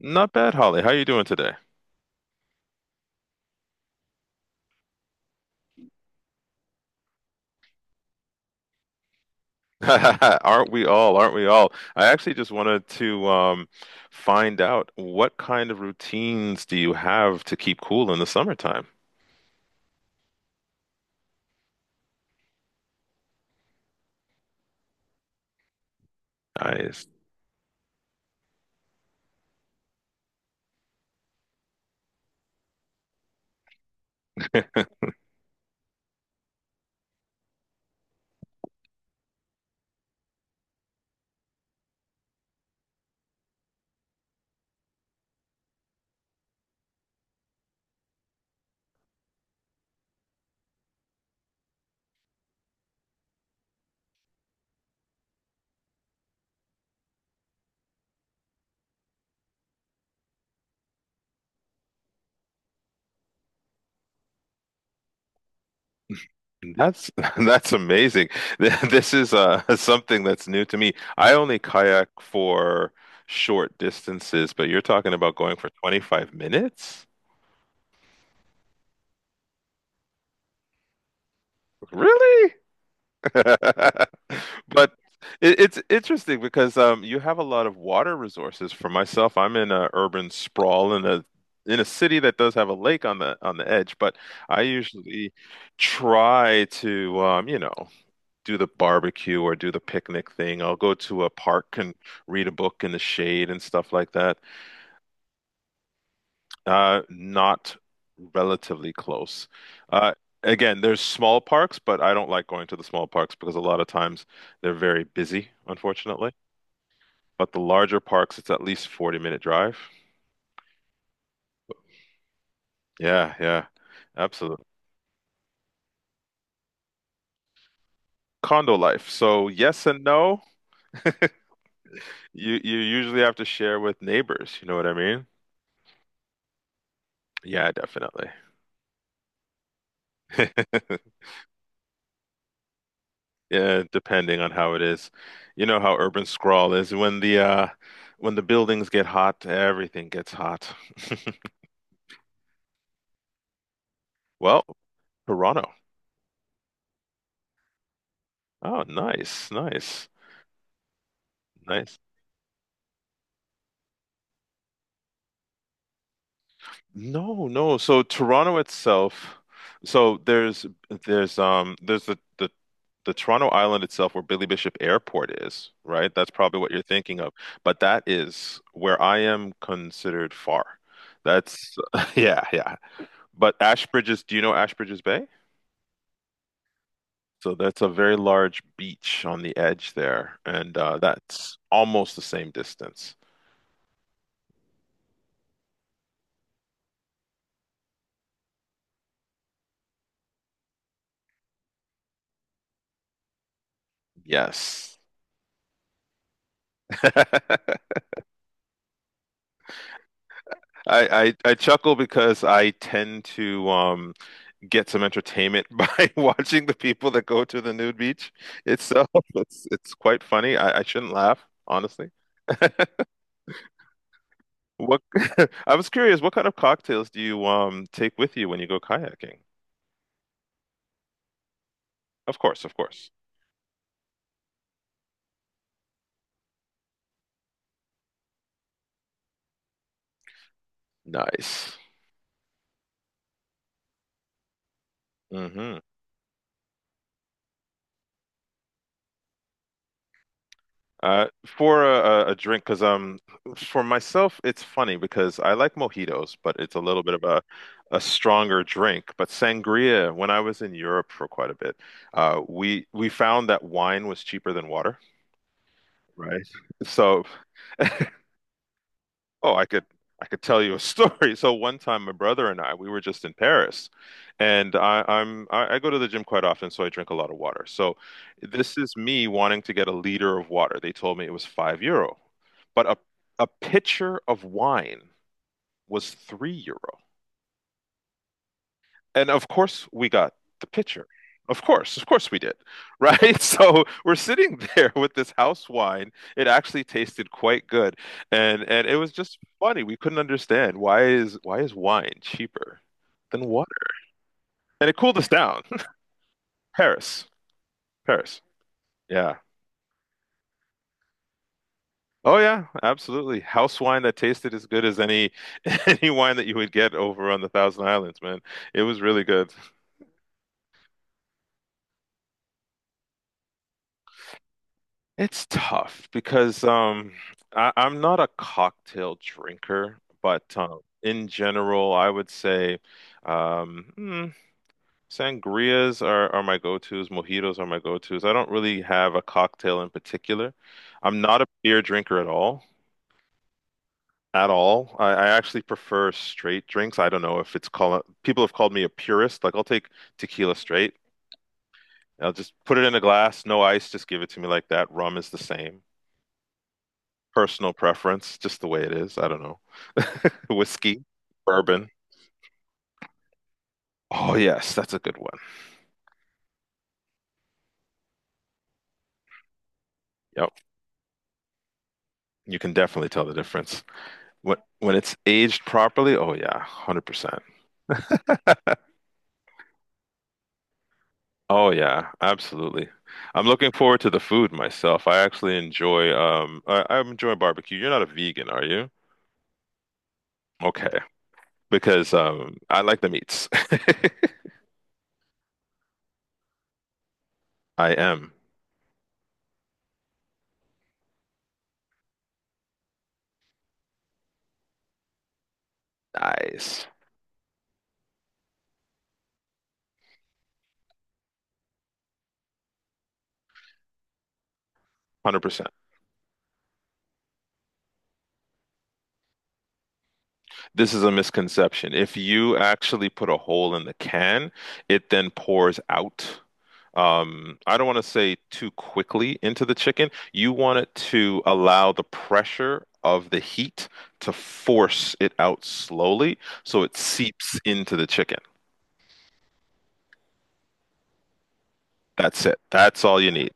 Not bad, Holly. How you doing today? Aren't we all? Aren't we all? I actually just wanted to find out what kind of routines do you have to keep cool in the summertime? I, that's that's amazing. This is something that's new to me. I only kayak for short distances, but you're talking about going for 25 minutes? Really? But it's interesting because you have a lot of water resources. For myself, I'm in a urban sprawl in a city that does have a lake on the edge, but I usually try to do the barbecue or do the picnic thing. I'll go to a park and read a book in the shade and stuff like that. Not relatively close. Uh, again, there's small parks, but I don't like going to the small parks because a lot of times they're very busy, unfortunately. But the larger parks, it's at least 40-minute drive. Yeah, yeah, absolutely. Condo life. So yes and no. You usually have to share with neighbors, you know what I mean? Yeah, definitely. Yeah, depending on how it is. You know how urban sprawl is. When the buildings get hot, everything gets hot. Well, Toronto. Oh, nice, nice, nice. No, no. So Toronto itself, so there's the Toronto Island itself where Billy Bishop Airport is, right? That's probably what you're thinking of. But that is where I am considered far. That's yeah, yeah. But Ashbridges, do you know Ashbridges Bay? So that's a very large beach on the edge there, and that's almost the same distance. Yes. I chuckle because I tend to get some entertainment by watching the people that go to the nude beach itself. It's quite funny. I shouldn't laugh, honestly. What I was curious, what kind of cocktails do you take with you when you go kayaking? Of course, of course. Nice. Hmm For a drink, because for myself, it's funny because I like mojitos, but it's a little bit of a stronger drink. But sangria, when I was in Europe for quite a bit, we found that wine was cheaper than water. Right. So, oh, I could I could tell you a story. So one time, my brother and I, we were just in Paris, and I go to the gym quite often, so I drink a lot of water. So this is me wanting to get a liter of water. They told me it was €5, but a pitcher of wine was €3. And of course we got the picture. Of course we did, right? So we're sitting there with this house wine. It actually tasted quite good, and it was just funny. We couldn't understand why is wine cheaper than water? And it cooled us down. Paris, Paris, yeah. Oh yeah, absolutely. House wine that tasted as good as any any wine that you would get over on the Thousand Islands, man. It was really good. It's tough because I'm not a cocktail drinker, but in general I would say um mm, sangrias are my go-tos, mojitos are my go-tos. I don't really have a cocktail in particular. I'm not a beer drinker at all. At all. I actually prefer straight drinks. I don't know if it's called people have called me a purist. Like I'll take tequila straight. I'll just put it in a glass, no ice, just give it to me like that. Rum is the same. Personal preference, just the way it is. I don't know. Whiskey, bourbon. Oh yes, that's a good one. Yep. You can definitely tell the difference. When it's aged properly, oh yeah, 100%. Oh yeah, absolutely. I'm looking forward to the food myself. I actually enjoy I enjoy barbecue. You're not a vegan, are you? Okay. Because I like the meats. I am. Nice. 100%. This is a misconception. If you actually put a hole in the can, it then pours out. I don't want to say too quickly into the chicken. You want it to allow the pressure of the heat to force it out slowly so it seeps into the chicken. That's it. That's all you need.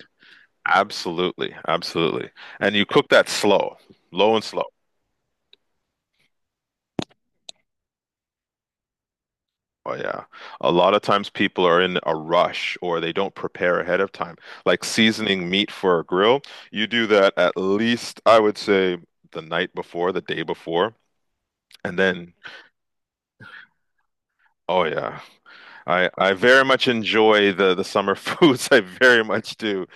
Absolutely. Absolutely. And you cook that slow, low and slow. Oh yeah. A lot of times people are in a rush or they don't prepare ahead of time. Like seasoning meat for a grill, you do that at least I would say the night before, the day before, and then oh yeah. I very much enjoy the summer foods. I very much do.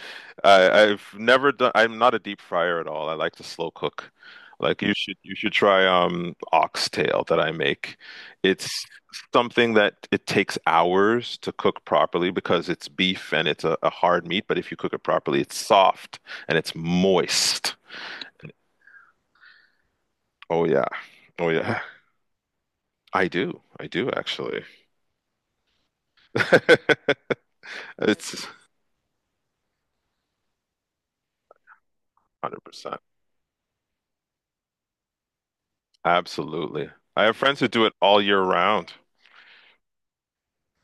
I I've never done. I'm not a deep fryer at all. I like to slow cook. Like you should try oxtail that I make. It's something that it takes hours to cook properly because it's beef and it's a hard meat. But if you cook it properly, it's soft and it's moist. Oh yeah, oh yeah. I do. I do actually. It's 100%. Absolutely. I have friends who do it all year round.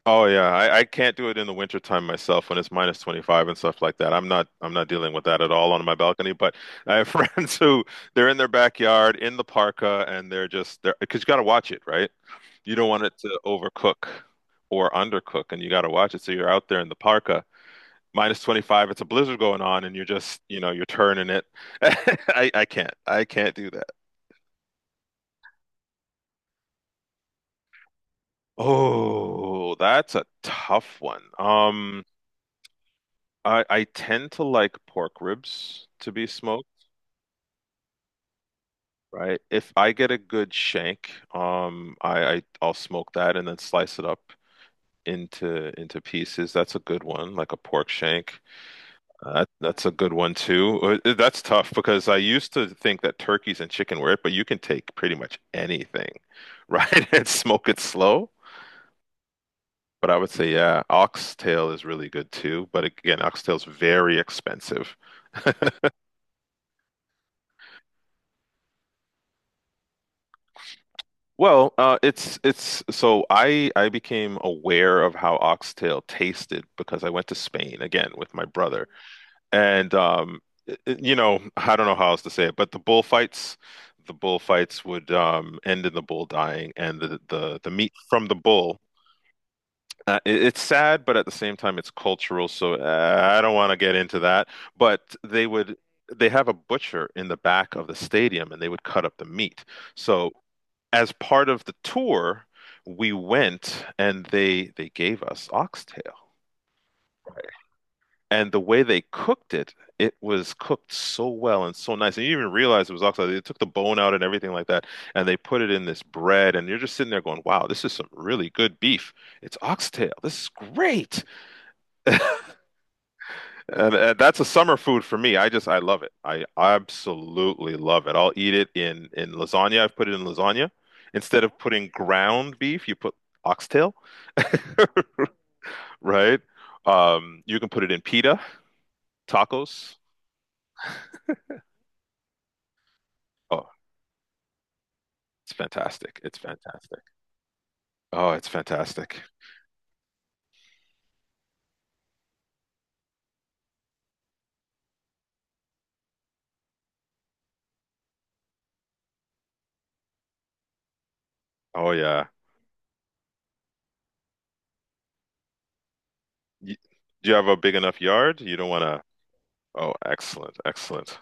Oh yeah, I can't do it in the wintertime myself when it's minus 25 and stuff like that. I'm not dealing with that at all on my balcony, but I have friends who they're in their backyard in the parka and they're just they're because you got to watch it, right? You don't want it to overcook or undercook and you got to watch it. So you're out there in the parka, minus 25, it's a blizzard going on and you're just, you know, you're turning it. I can't. I can't do. Oh, that's a tough one. I tend to like pork ribs to be smoked, right? If I get a good shank, I I'll smoke that and then slice it up into pieces. That's a good one, like a pork shank. That's a good one too. That's tough because I used to think that turkeys and chicken were it, but you can take pretty much anything, right? And smoke it slow. But I would say, yeah, oxtail is really good too. But again, oxtail's very expensive. It's so I became aware of how oxtail tasted because I went to Spain again with my brother, and you know, I don't know how else to say it, but the bullfights would end in the bull dying, and the meat from the bull. It's sad, but at the same time, it's cultural, so I don't want to get into that. But they have a butcher in the back of the stadium, and they would cut up the meat. So as part of the tour, we went and they gave us oxtail. And the way they cooked it, it was cooked so well and so nice. And you didn't even realize it was oxtail. They took the bone out and everything like that, and they put it in this bread. And you're just sitting there going, "Wow, this is some really good beef. It's oxtail. This is great." And that's a summer food for me. I love it. I absolutely love it. I'll eat it in lasagna. I've put it in lasagna. Instead of putting ground beef, you put oxtail, right? You can put it in pita, tacos. Oh, it's fantastic. It's fantastic. Oh, it's fantastic. Oh yeah. Y- Do you have a big enough yard? You don't want to. Oh, excellent, excellent.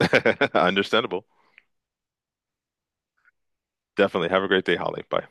Understandable. Definitely. Have a great day, Holly. Bye.